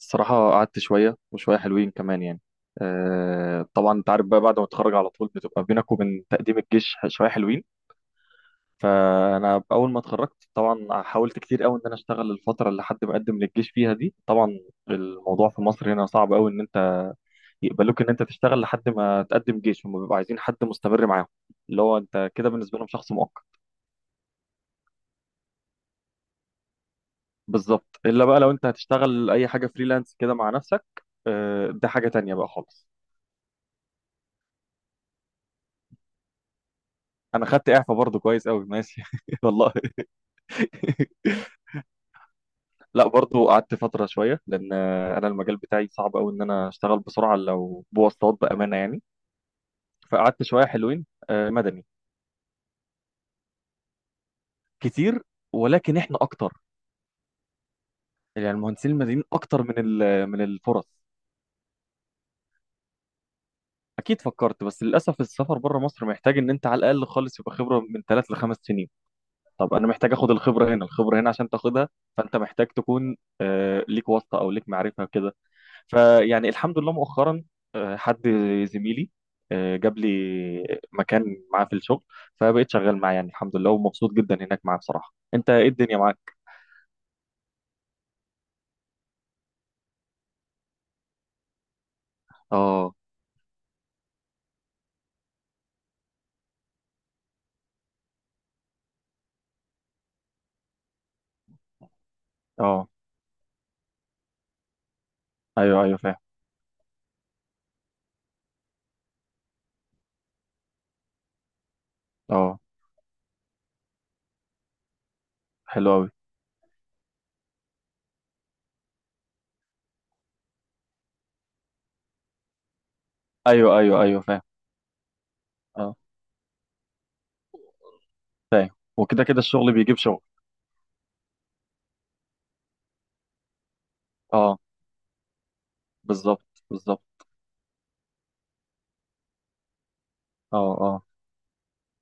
الصراحة قعدت شوية وشوية حلوين كمان يعني. آه طبعا انت عارف بقى، بعد ما اتخرج على طول بتبقى بينك وبين تقديم الجيش شوية حلوين. فأنا أول ما اتخرجت طبعا حاولت كتير قوي إن أنا أشتغل الفترة اللي حد مقدم للجيش فيها دي. طبعا الموضوع في مصر هنا صعب قوي، إن أنت يقبلوك إن أنت تشتغل لحد ما تقدم جيش، هم بيبقوا عايزين حد مستمر معاهم، اللي هو أنت كده بالنسبة لهم شخص مؤقت. بالظبط، إلا بقى لو أنت هتشتغل أي حاجة فريلانس كده مع نفسك. آه ده حاجة تانية بقى خالص. انا خدت اعفاء برضو كويس قوي، ماشي والله. لا برضو قعدت فتره شويه، لان انا المجال بتاعي صعب قوي ان انا اشتغل بسرعه لو بواسطات، بامانه يعني. فقعدت شويه حلوين. آه، مدني. كتير، ولكن احنا اكتر. يعني المهندسين المدنيين اكتر من من الفرص. اكيد فكرت، بس للاسف السفر بره مصر محتاج ان انت على الاقل خالص يبقى خبره من ثلاث لخمس سنين. طب انا محتاج اخد الخبره هنا، الخبره هنا عشان تاخدها فانت محتاج تكون، ليك واسطه او ليك معرفه كده. فيعني الحمد لله مؤخرا حد، زميلي، جاب لي مكان معاه في الشغل. فبقيت شغال معاه يعني الحمد لله ومبسوط جدا هناك معاه بصراحة. انت ايه الدنيا معاك؟ اه اه. ايوه ايوه فاهم. اه حلو قوي. ايوه ايوه ايوه فاهم. اه فاهم. وكده كده الشغل بيجيب شغل. اه بالظبط بالظبط. اه اه.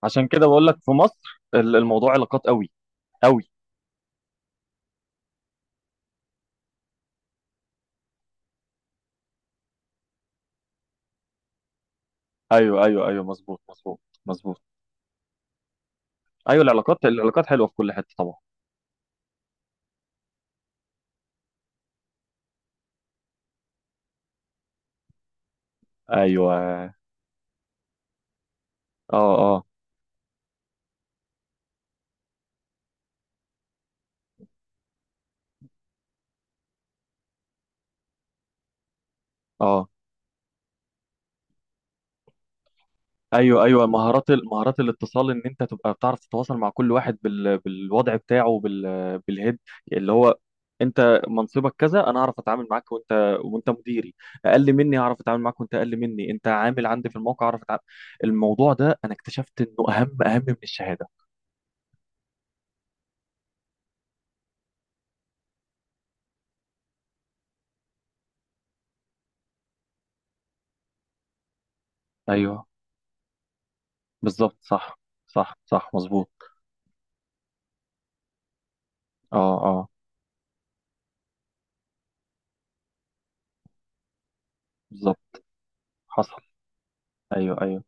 عشان كده بقول لك في مصر الموضوع علاقات قوي قوي. ايوه ايوه ايوه مظبوط مظبوط مظبوط. ايوه العلاقات العلاقات حلوة في كل حتة طبعا. ايوه اه. آه. اه. ايوه ايوه مهارات مهارات الاتصال، ان انت تبقى بتعرف تتواصل مع كل واحد بالوضع بتاعه بالهيد، اللي هو انت منصبك كذا انا هعرف اتعامل معاك، وانت وانت مديري اقل مني هعرف اتعامل معاك، وانت اقل مني انت عامل عندي في الموقع هعرف اتعامل. الموضوع ده انا اكتشفت انه اهم اهم من الشهادة. ايوه بالظبط صح. صح صح مظبوط. اه اه. بالظبط. حصل. ايوه ايوه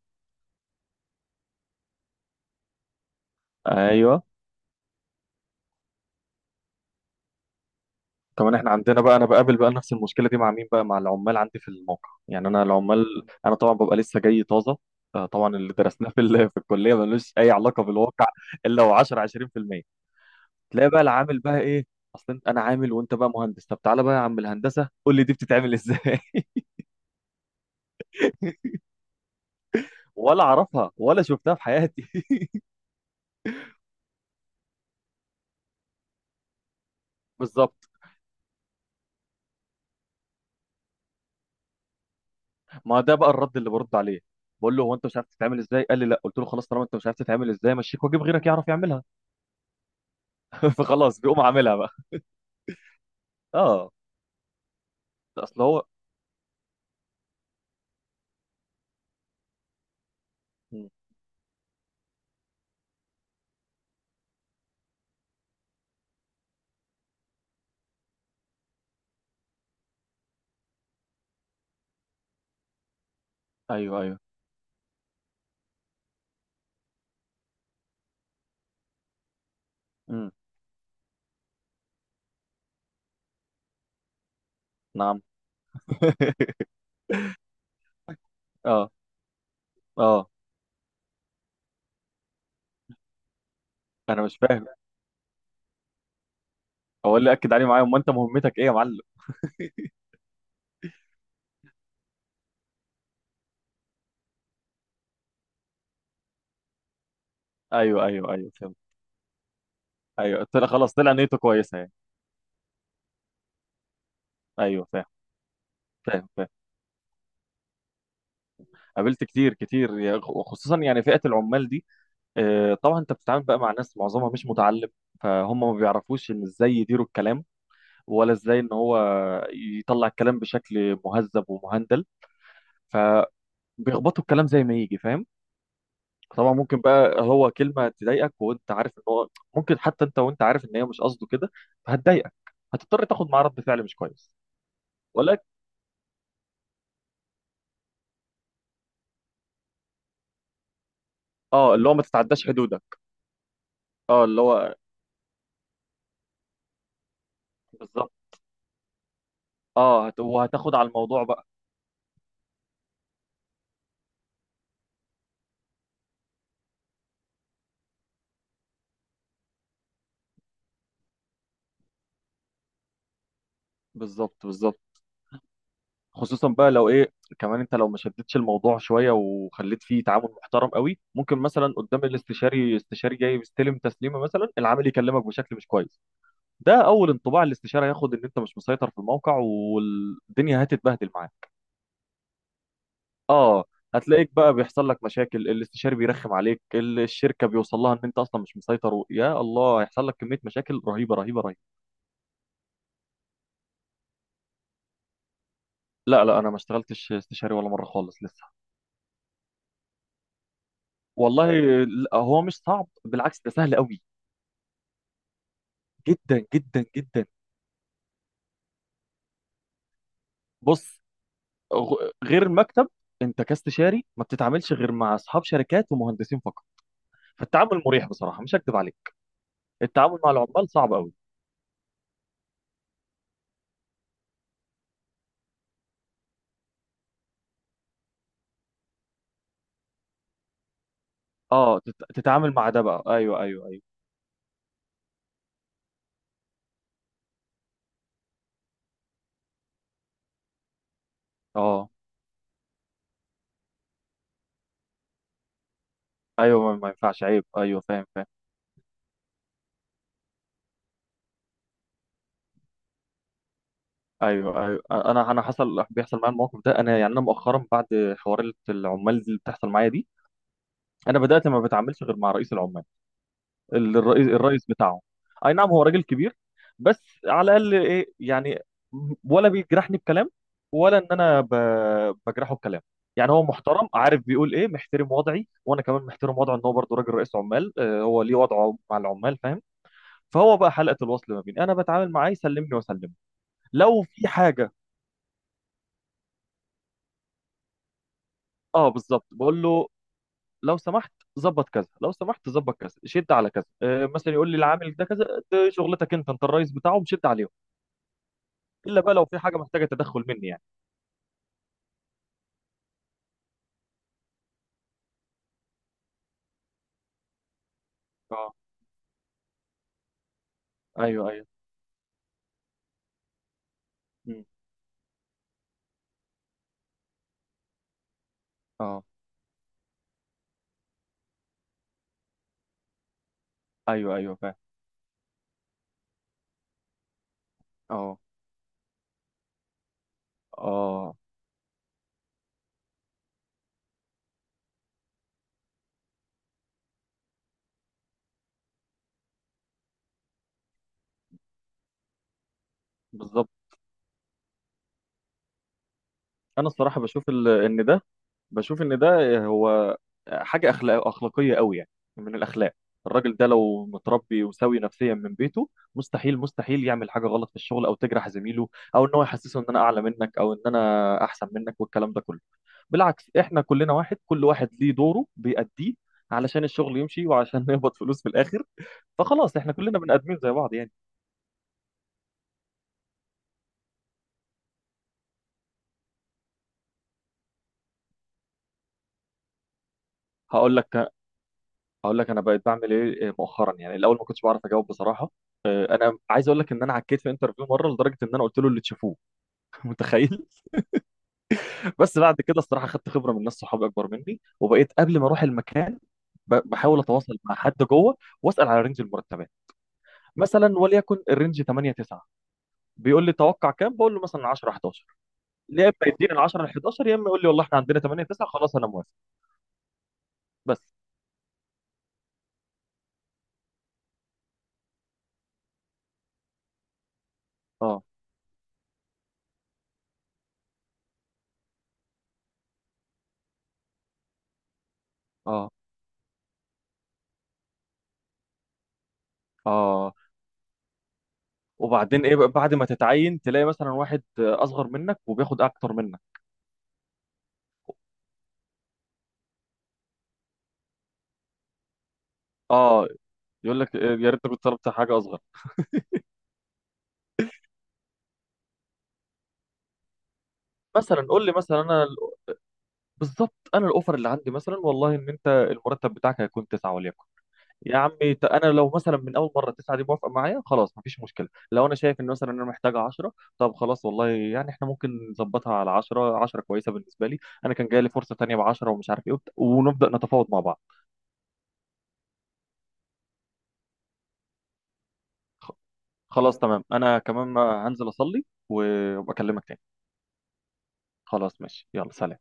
ايوه. كمان احنا عندنا بقى، انا بقابل بقى نفس المشكله دي مع مين بقى؟ مع العمال عندي في الموقع يعني. انا العمال، انا طبعا ببقى لسه جاي طازه. آه، طبعا اللي درسناه في في الكليه ملوش اي علاقه بالواقع. الا هو 10 20%. تلاقي بقى العامل بقى ايه؟ اصل انت، انا عامل وانت بقى مهندس، طب تعالى بقى يا عم الهندسه قول لي دي بتتعمل ازاي؟ ولا اعرفها ولا شفتها في حياتي. بالظبط. ما ده بقى الرد اللي برد عليه. بقول له هو، انت مش عارف تتعمل ازاي؟ قال لي لا. قلت له خلاص، طالما انت مش عارف تتعمل ازاي، مشيك واجيب غيرك يعرف يعملها. فخلاص بيقوم عاملها بقى. اه. اصل هو. مم. ايوه ايوه. امم. نعم. اه اه. انا مش فاهم. هو اللي اكد عليه معايا؟ امال انت مهمتك ايه يا معلم؟ ايوه ايوه ايوه فهمت. ايوه طلع خلاص، طلع نيته كويسه يعني. ايوه فاهم. فاهم فاهم. قابلت كتير كتير يا- وخصوصا يعني فئه العمال دي. آه، طبعا انت بتتعامل بقى مع ناس معظمها مش متعلم. فهم ما بيعرفوش ان ازاي يديروا الكلام، ولا ازاي ان هو يطلع الكلام بشكل مهذب ومهندل. فبيخبطوا الكلام زي ما يجي، فاهم؟ طبعا ممكن بقى هو كلمة تضايقك، وانت عارف ان هو ممكن حتى، انت وانت عارف ان هي مش قصده كده، فهتضايقك، هتضطر تاخد معاه رد فعل مش كويس. ولكن. اه اللي هو ما تتعداش حدودك. اه اللي هو بالظبط. اه هت... وهتاخد على الموضوع بقى. بالظبط بالظبط. خصوصا بقى لو ايه، كمان انت لو ما شدتش الموضوع شوية وخليت فيه تعامل محترم قوي، ممكن مثلا قدام الاستشاري، استشاري جاي بيستلم تسليمة مثلا، العامل يكلمك بشكل مش كويس. ده اول انطباع الاستشاري هياخد ان انت مش مسيطر في الموقع، والدنيا هتتبهدل معاك. اه. هتلاقيك بقى بيحصل لك مشاكل، الاستشاري بيرخم عليك، الشركه بيوصل لها ان انت اصلا مش مسيطر و... يا الله هيحصل لك كميه مشاكل رهيبه رهيبه رهيبه. لا انا ما اشتغلتش استشاري ولا مره خالص لسه. والله. لا، هو مش صعب، بالعكس ده سهل قوي. جدا جدا جدا. بص، غير المكتب، انت كاستشاري ما بتتعاملش غير مع اصحاب شركات ومهندسين فقط. فالتعامل مريح بصراحه مش هكذب عليك. التعامل مع العمال صعب قوي. اه تت- تتعامل مع ده بقى. ايوه ايوه ايوه. اه ايوه ما ينفعش عيب. ايوه فاهم فاهم. ايوه ايوه انا حصل، بيحصل معايا الموقف ده. انا يعني انا مؤخرا، بعد حوار العمال اللي بتحصل معايا دي، انا بدات ما بتعاملش غير مع رئيس العمال، الرئيس الرئيس بتاعهم. اي نعم هو راجل كبير، بس على الاقل ايه يعني، ولا بيجرحني بكلام، ولا ان انا ب... بجرحه بكلام. يعني هو محترم، عارف بيقول ايه، محترم وضعي وانا كمان محترم وضعه، ان هو برضه راجل رئيس عمال. آه، هو ليه وضعه مع العمال، فاهم؟ فهو بقى حلقه الوصل، ما بيني انا بتعامل معاه يسلمني واسلمه. لو في حاجه. اه بالظبط، بقول له لو سمحت ظبط كذا، لو سمحت ظبط كذا، شد على كذا، آه مثلا يقول لي العامل ده كذا، ده شغلتك انت، انت الرئيس بتاعه شد عليهم. الا بقى لو في حاجه محتاجه تدخل مني يعني. اه ايوه ايوه. مم. اه ايوه ايوه فاهم. اه اه بالظبط. انا الصراحه بشوف ان ده، بشوف ان ده هو حاجه اخلاق اخلاقيه قوي يعني، من الاخلاق. الراجل ده لو متربي وسوي نفسيا من بيته، مستحيل مستحيل يعمل حاجه غلط في الشغل او تجرح زميله، او ان هو يحسسه ان انا اعلى منك، او ان انا احسن منك والكلام ده كله. بالعكس، احنا كلنا واحد، كل واحد ليه دوره بيأديه علشان الشغل يمشي، وعشان نقبض فلوس في الاخر. فخلاص احنا كلنا بني ادمين زي بعض يعني. هقول لك هقول لك انا بقيت بعمل ايه مؤخرا. يعني الاول ما كنتش بعرف اجاوب بصراحه. آه، انا عايز اقول لك ان انا عكيت في انترفيو مره، لدرجه ان انا قلت له اللي تشوفوه. متخيل. بس بعد كده الصراحه خدت خبره من ناس صحابي اكبر مني، وبقيت قبل ما اروح المكان بحاول اتواصل مع حد جوه، واسال على رينج المرتبات، مثلا وليكن الرينج 8 9. بيقول لي توقع كام؟ بقول له مثلا 10 11. يا اما يديني ال 10 ال 11، يا اما يقول لي والله احنا عندنا 8 9 خلاص انا موافق. بس. اه اه اه. وبعدين ايه بقى بعد ما تتعين، تلاقي مثلا واحد اصغر منك وبياخد اكتر منك. اه. يقول لك آه، يا ريتك كنت طلبت حاجه اصغر. مثلا قول لي مثلا بالظبط، انا الاوفر اللي عندي مثلا والله ان انت المرتب بتاعك هيكون 9 وليكن. يا عمي ت- انا لو مثلا من اول مره 9 دي موافقه معايا خلاص مفيش مشكله. لو انا شايف ان مثلا انا محتاجه 10، طب خلاص والله يعني احنا ممكن نظبطها على 10، 10 كويسه بالنسبه لي. انا كان جاي لي فرصه تانيه ب 10 ومش عارف ايه، وبت- ونبدا نتفاوض مع بعض. خلاص تمام، انا كمان هنزل اصلي وابقى اكلمك تاني. خلاص ماشي يلا سلام.